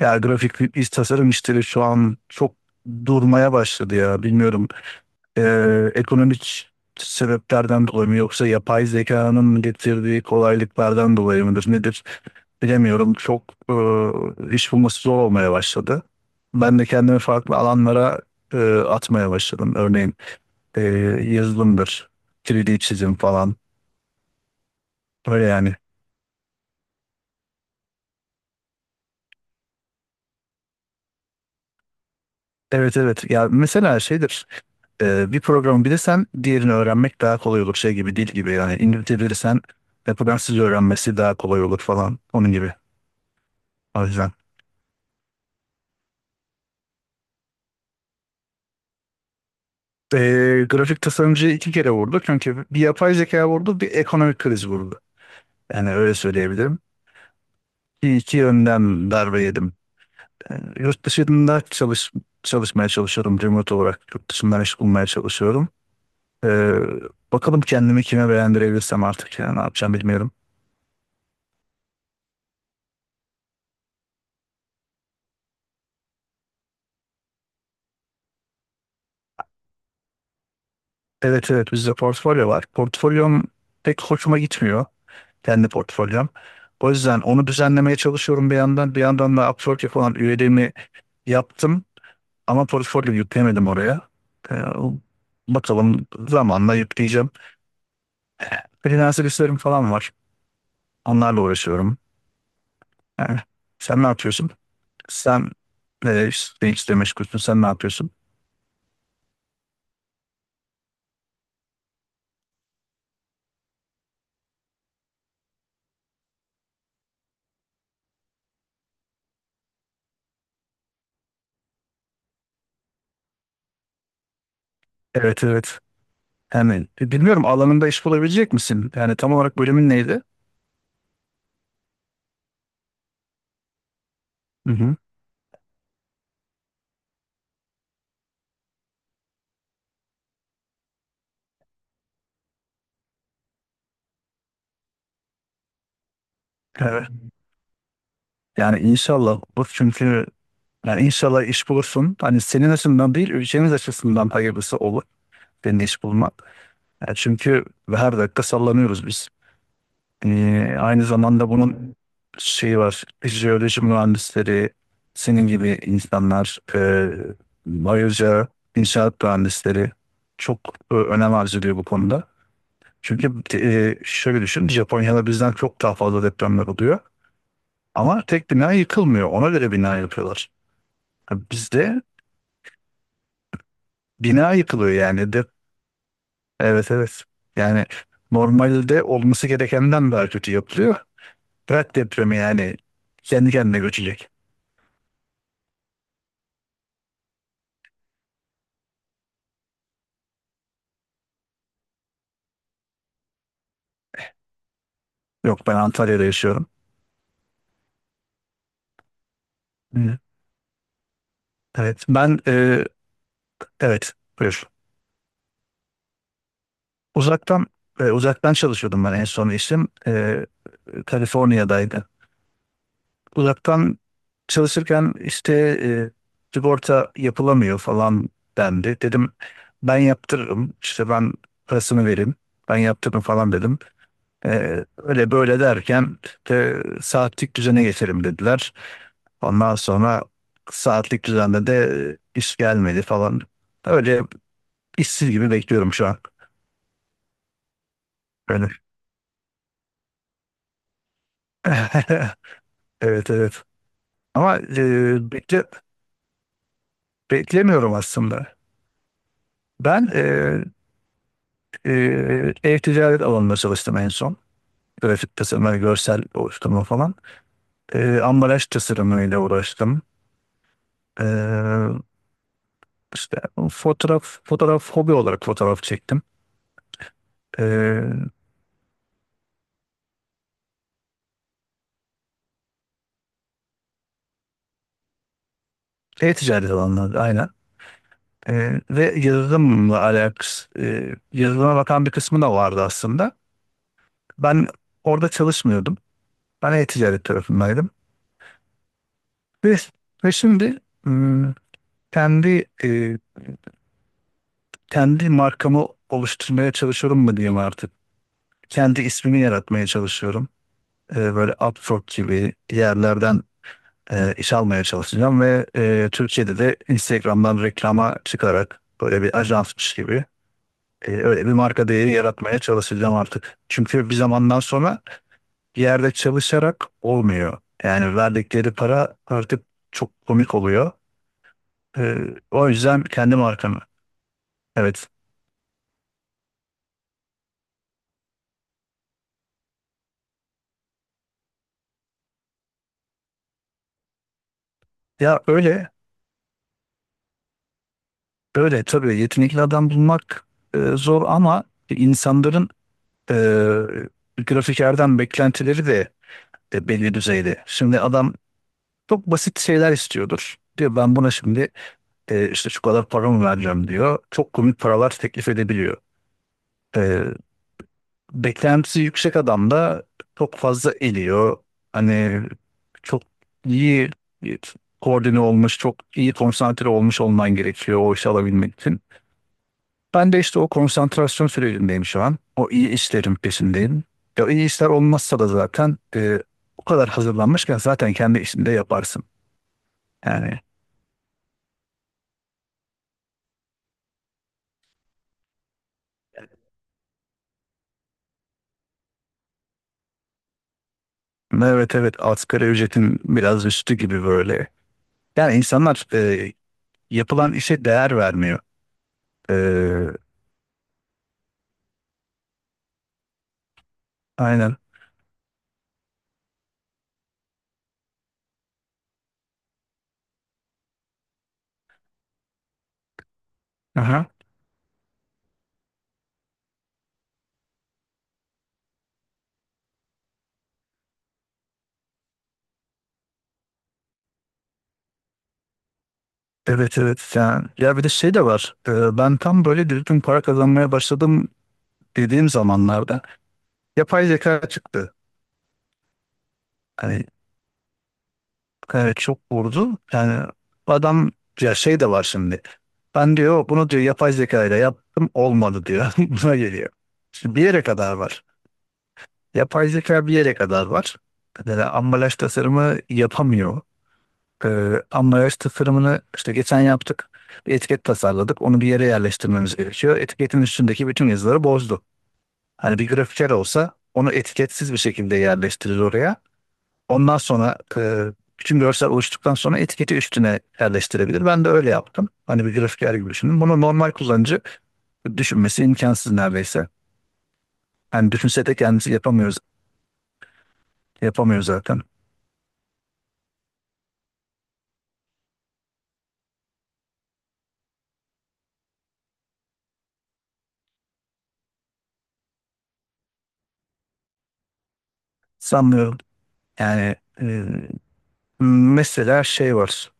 Ya grafik iç tasarım işleri şu an çok durmaya başladı ya bilmiyorum. Ekonomik sebeplerden dolayı mı yoksa yapay zekanın getirdiği kolaylıklardan dolayı mıdır nedir bilemiyorum. Çok iş bulması zor olmaya başladı. Ben de kendimi farklı alanlara atmaya başladım. Örneğin e, yazılımdır, 3D çizim falan öyle yani. Evet evet, ya mesela şeydir. Bir programı bilirsen diğerini öğrenmek daha kolay olur. Şey gibi, dil gibi yani, İngilizce bilirsen Fransızca öğrenmesi daha kolay olur falan, onun gibi. O yüzden. Grafik tasarımcı iki kere vurdu. Çünkü bir yapay zeka vurdu, bir ekonomik kriz vurdu. Yani öyle söyleyebilirim. İki, iki yönden darbe yedim. Ee, yurt dışında çalış, Çalışmaya çalışıyorum. Remote olarak yurt dışından iş bulmaya çalışıyorum. Ee, Bakalım kendimi kime beğendirebilirsem artık, yani ne yapacağım bilmiyorum. Evet evet, bizde portfolyo var. Portfolyom pek hoşuma gitmiyor. Kendi portfolyom. O yüzden onu düzenlemeye çalışıyorum bir yandan. Bir yandan da Upwork'e falan üyeliğimi yaptım. Ama portfolyo yüklemedim oraya. Ee, Bakalım, zamanla yükleyeceğim. Freelancer işlerim falan var. Onlarla uğraşıyorum. Yani sen ne yapıyorsun? Sen işte meşgulsün. Sen ne yapıyorsun? Evet evet. Yani bilmiyorum, alanında iş bulabilecek misin? Yani tam olarak bölümün neydi? Hı hı. Yani inşallah bu, çünkü yani inşallah iş bulursun. Hani senin açısından değil, ülkemiz açısından hayırlısı olur senin iş bulmak. Yani çünkü her dakika sallanıyoruz biz. Aynı zamanda bunun şeyi var. Jeoloji mühendisleri, senin gibi insanlar, ayrıca inşaat mühendisleri çok önem arz ediyor bu konuda. Çünkü şöyle düşün, Japonya'da bizden çok daha fazla depremler oluyor. Ama tek bina yıkılmıyor. Ona göre bina yapıyorlar. Bizde bina yıkılıyor yani. De, evet evet. Yani normalde olması gerekenden daha kötü yapılıyor. Prag depremi yani kendi kendine göçecek. Yok, ben Antalya'da yaşıyorum. Hı. Evet, ben evet, buyur. Uzaktan Uzaktan çalışıyordum ben en son işim. E, Kaliforniya'daydı. Uzaktan çalışırken işte e, sigorta yapılamıyor falan dendi. Dedim ben yaptırırım işte, ben parasını vereyim, ben yaptırırım falan dedim. E, öyle böyle derken de saatlik düzene geçelim dediler. Ondan sonra saatlik düzende de iş gelmedi falan. Öyle işsiz gibi bekliyorum şu an. Öyle. Evet evet. Ama beklemiyorum aslında. Ben e, Ev ticaret alanında çalıştım en son. Grafik tasarımı, görsel oluşturma falan. Ambalaj tasarımıyla uğraştım. Ee, işte fotoğraf, hobi olarak fotoğraf çektim. Ee, E-ticaret alanında aynen. Ve yazılımla alakası, e, Yazılıma bakan bir kısmı da vardı aslında. Ben orada çalışmıyordum. Ben e-ticaret tarafındaydım. Ve, Ve şimdi ım, kendi e, kendi markamı oluşturmaya çalışıyorum mu diyeyim artık. Kendi ismimi yaratmaya çalışıyorum. Böyle Upwork gibi yerlerden iş almaya çalışacağım ve Türkiye'de de Instagram'dan reklama çıkarak böyle bir ajansmış gibi, öyle bir marka değeri yaratmaya çalışacağım artık. Çünkü bir zamandan sonra bir yerde çalışarak olmuyor. Yani verdikleri para artık çok komik oluyor. Ee, O yüzden kendi markamı. Evet. Ya öyle böyle tabii, yetenekli adam bulmak zor, ama insanların e, grafikerden beklentileri de belli düzeyde. Şimdi adam çok basit şeyler istiyordur. Diyor ben buna şimdi işte şu kadar paramı vereceğim diyor. Çok komik paralar teklif edebiliyor. E, Beklentisi yüksek adam da çok fazla eliyor. Hani çok iyi e, koordine olmuş, çok iyi konsantre olmuş olman gerekiyor o işi alabilmek için. Ben de işte o konsantrasyon sürecindeyim şu an. O iyi işlerin peşindeyim. Ya iyi işler olmazsa da zaten o kadar hazırlanmışken zaten kendi işinde yaparsın. Yani evet evet, asgari ücretin biraz üstü gibi böyle. Yani insanlar yapılan işe değer vermiyor. E, aynen. Aha. Evet evet. Yani, ya bir de şey de var. E, ben tam böyle düzgün para kazanmaya başladım dediğim zamanlarda yapay zeka çıktı. Hani evet, çok vurdu. Yani adam, ya şey de var şimdi. Ben diyor bunu diyor yapay zeka ile yaptım olmadı diyor. Buna geliyor. Şimdi bir yere kadar var. Yapay zeka bir yere kadar var. Mesela ambalaj tasarımı yapamıyor. Ambalaj tasarımını işte geçen yaptık. Bir etiket tasarladık. Onu bir yere yerleştirmemiz gerekiyor. Etiketin üstündeki bütün yazıları bozdu. Hani bir grafiker olsa onu etiketsiz bir şekilde yerleştirir oraya. Ondan sonra bütün görsel oluştuktan sonra etiketi üstüne yerleştirebilir. Ben de öyle yaptım. Hani bir grafiker gibi düşünün. Bunu normal kullanıcı düşünmesi imkansız neredeyse. Yani düşünse de kendisi yapamıyoruz, yapamıyor zaten. Sanmıyorum. Yani mesela şey var.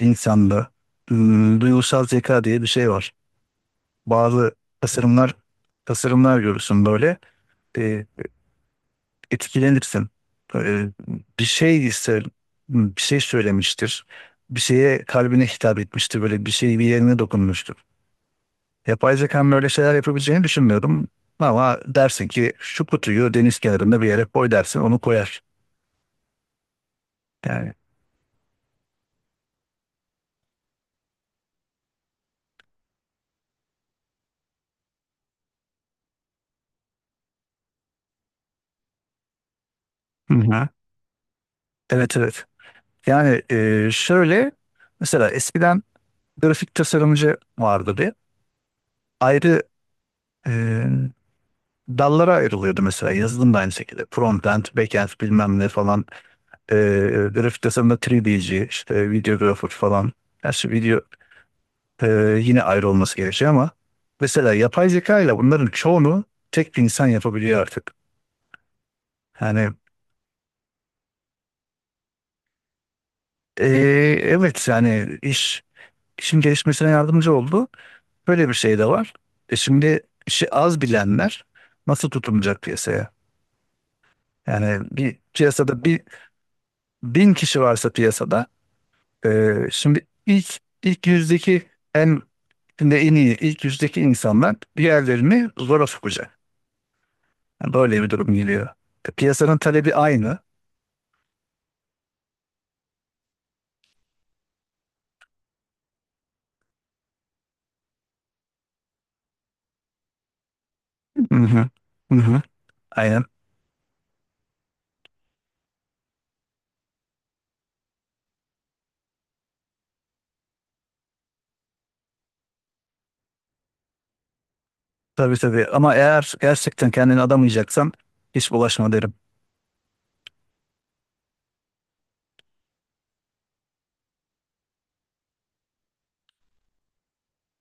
İnsanda e, duygusal zeka diye bir şey var. Bazı tasarımlar, görürsün böyle. E, etkilenirsin. Ee, Bir şey ise bir şey söylemiştir. Bir şeye, kalbine hitap etmiştir. Böyle bir şey bir yerine dokunmuştur. Yapay zekanın öyle şeyler yapabileceğini düşünmüyorum. Ama dersin ki şu kutuyu deniz kenarında bir yere koy, dersin, onu koyar. Yani hı hı, evet evet. Yani şöyle, mesela eskiden grafik tasarımcı vardı bir. Ayrı e, dallara ayrılıyordu, mesela yazılım da aynı şekilde. Frontend, backend bilmem ne falan. E, grafik tasarımda 3D'ci, işte videographer falan. Gerçi video e, yine ayrı olması gerekiyor ama mesela yapay zeka ile bunların çoğunu tek bir insan yapabiliyor artık. Yani e, evet, yani işin gelişmesine yardımcı oldu. Böyle bir şey de var. E şimdi işi az bilenler nasıl tutunacak piyasaya? Yani bir piyasada bir 1000 kişi varsa piyasada, Ee, şimdi ilk ilk yüzdeki en şimdi en iyi ilk yüzdeki insanlar diğerlerini zora sokacak. Yani böyle bir durum geliyor. E, piyasanın talebi aynı. Hı hı. Hı hı. Aynen. Tabii tabii. Ama eğer gerçekten kendini adamayacaksan hiç bulaşma derim.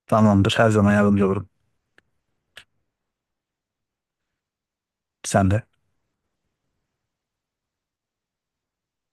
Tamamdır. Her zaman yardımcı olurum. Sen de.